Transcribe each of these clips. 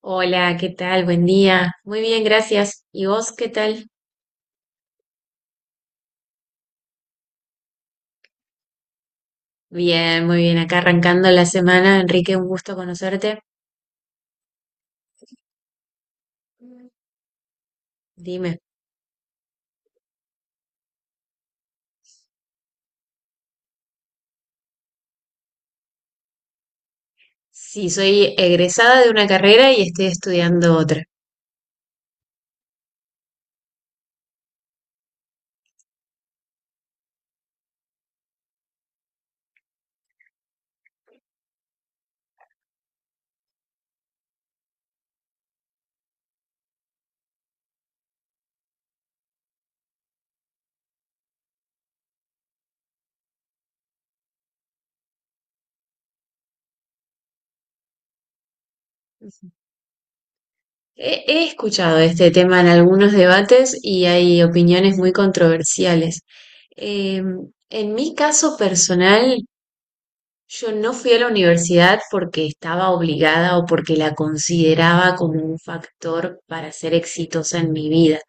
Hola, ¿qué tal? Buen día. Muy bien, gracias. ¿Y vos qué tal? Bien, muy bien. Acá arrancando la semana. Enrique, un gusto conocerte. Dime. Sí, soy egresada de una carrera y estoy estudiando otra. Ujú. He escuchado este tema en algunos debates y hay opiniones muy controversiales. En mi caso personal, yo no fui a la universidad porque estaba obligada o porque la consideraba como un factor para ser exitosa en mi vida.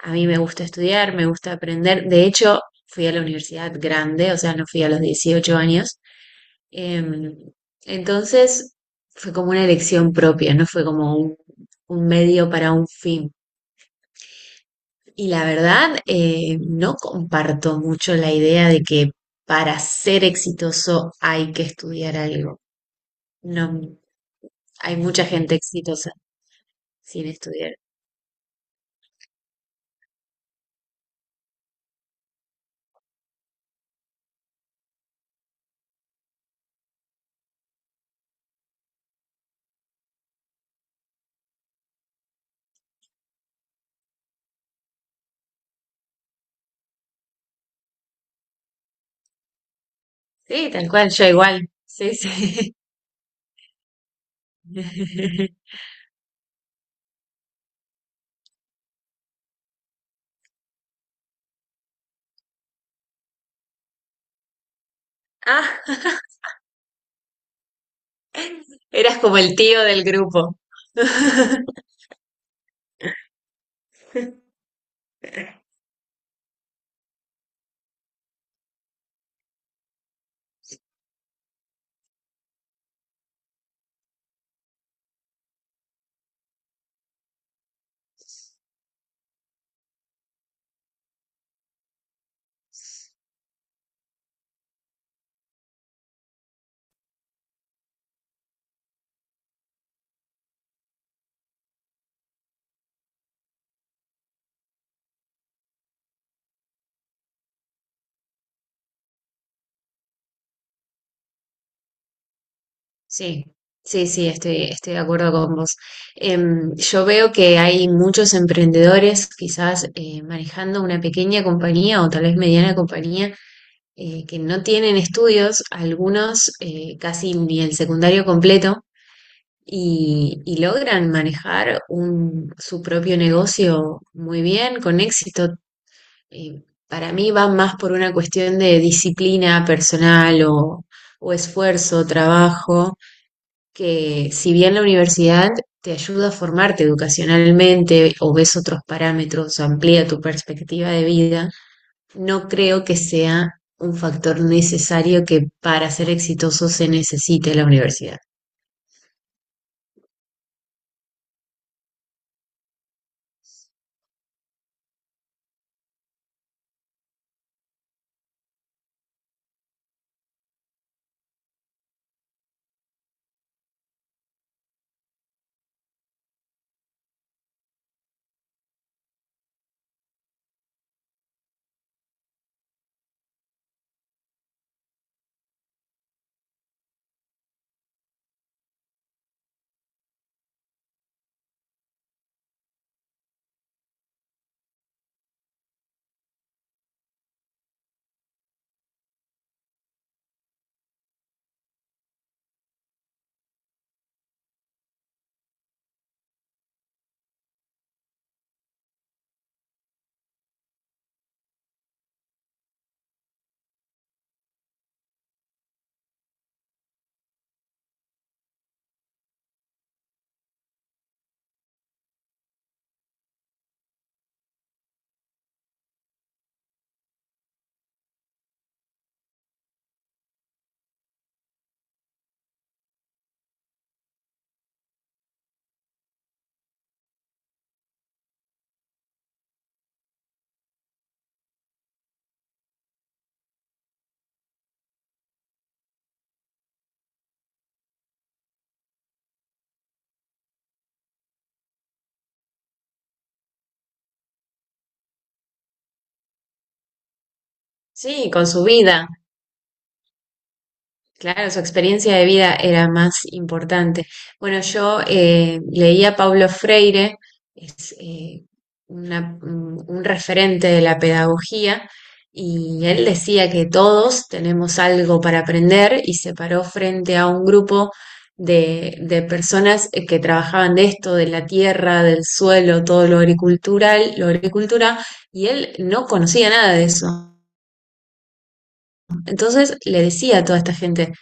A mí me gusta estudiar, me gusta aprender. De hecho, fui a la universidad grande, o sea, no fui a los 18 años. Em, entonces, fue como una elección propia, no fue como un medio para un fin. Y la verdad, no comparto mucho la idea de que para ser exitoso hay que estudiar algo. No, hay mucha gente exitosa sin estudiar. Sí, tal cual, yo igual. Sí, sí. Ah, eras como el tío del grupo. Sí, sí, sí, estoy de acuerdo con vos. Yo veo que hay muchos emprendedores, quizás manejando una pequeña compañía o tal vez mediana compañía, que no tienen estudios, algunos casi ni el secundario completo. Y logran manejar un- su propio negocio muy bien, con éxito. Eh, para mí va más por una cuestión de disciplina personal o esfuerzo, trabajo, que si bien la universidad te ayuda a formarte educacionalmente o ves otros parámetros amplía tu perspectiva de vida, no creo que sea un factor necesario que para ser exitoso se necesite la universidad. Sí, con su vida. Claro, su experiencia de vida era más importante. Bueno, yo leía a Paulo Freire, es un referente de la pedagogía, y él decía que todos tenemos algo para aprender y se paró frente a un grupo de personas que trabajaban de esto, de la tierra, del suelo, todo lo agricultura, y él no conocía nada de eso. Entonces le decía a toda esta gente,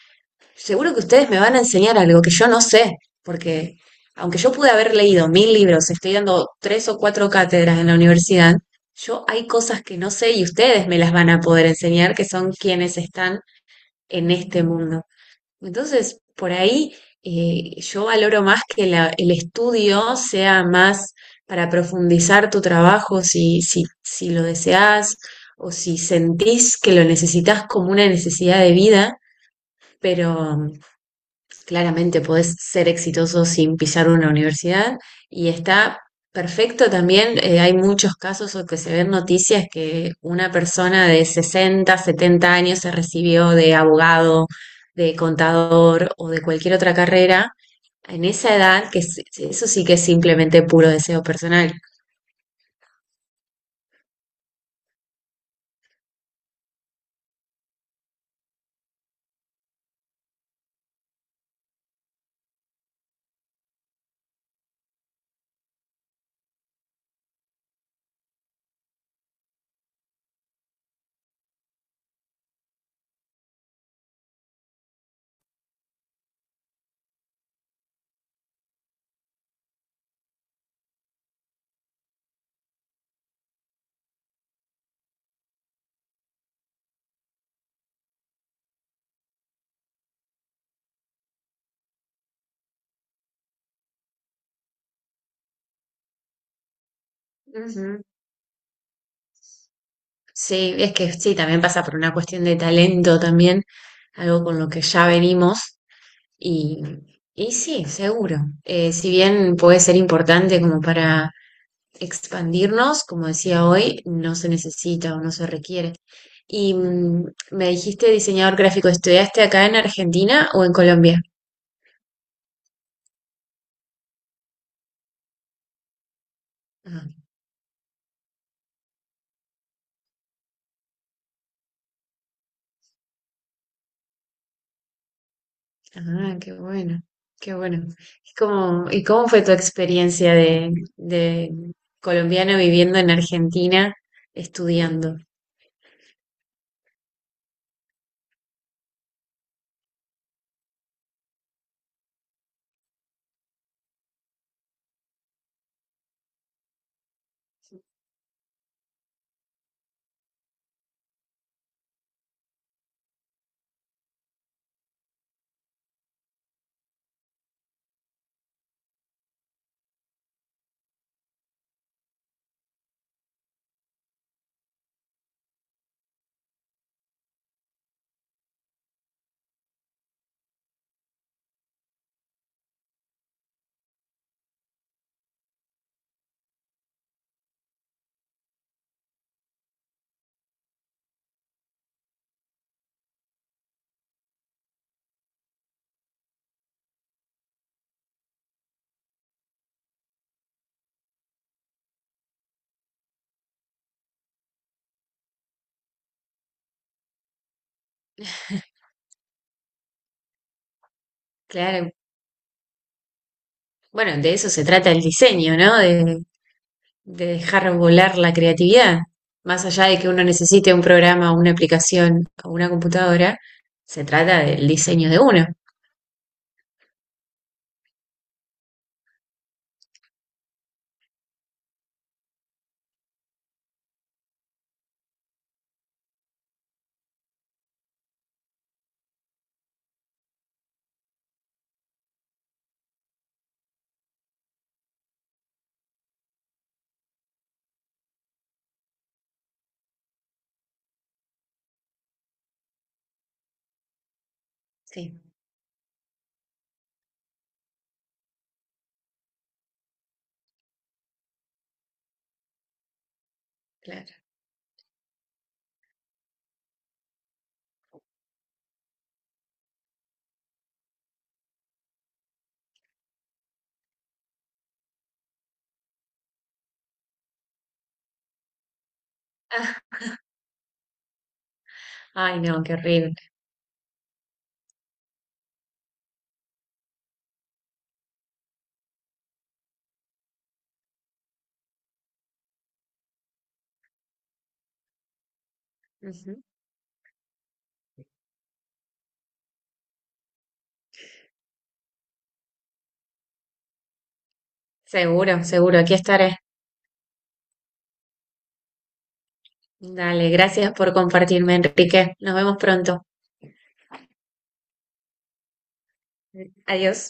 seguro que ustedes me van a enseñar algo que yo no sé, porque aunque yo pude haber leído 1.000 libros, estoy dando tres o cuatro cátedras en la universidad, yo hay cosas que no sé y ustedes me las van a poder enseñar, que son quienes están en este mundo. Entonces, por ahí yo valoro más que el estudio sea más para profundizar tu trabajo, si lo deseas o si sentís que lo necesitas como una necesidad de vida, pero claramente podés ser exitoso sin pisar una universidad y está perfecto también. Hay muchos casos o que se ven noticias que una persona de 60, 70 años se recibió de abogado, de contador o de cualquier otra carrera en esa edad, que es- eso sí que es simplemente puro deseo personal. Ujú. Sí, es que sí, también pasa por una cuestión de talento también, algo con lo que ya venimos. Y, y sí, seguro. Si bien puede ser importante como para expandirnos, como decía hoy, no se necesita o no se requiere. Y me dijiste diseñador gráfico, ¿estudiaste acá en Argentina o en Colombia? Ah, ah, qué bueno, qué bueno. Es como, ¿y cómo fue tu experiencia de colombiano viviendo en Argentina estudiando? Claro, bueno, de eso se trata el diseño, ¿no? De dejar volar la creatividad, más allá de que uno necesite un programa, una aplicación o una computadora, se trata del diseño de uno. Sí, claro. Ah, ay, no, qué horrible. Ujú. Seguro, seguro, aquí estaré. Dale, gracias por compartirme, Enrique. Nos vemos pronto. Adiós.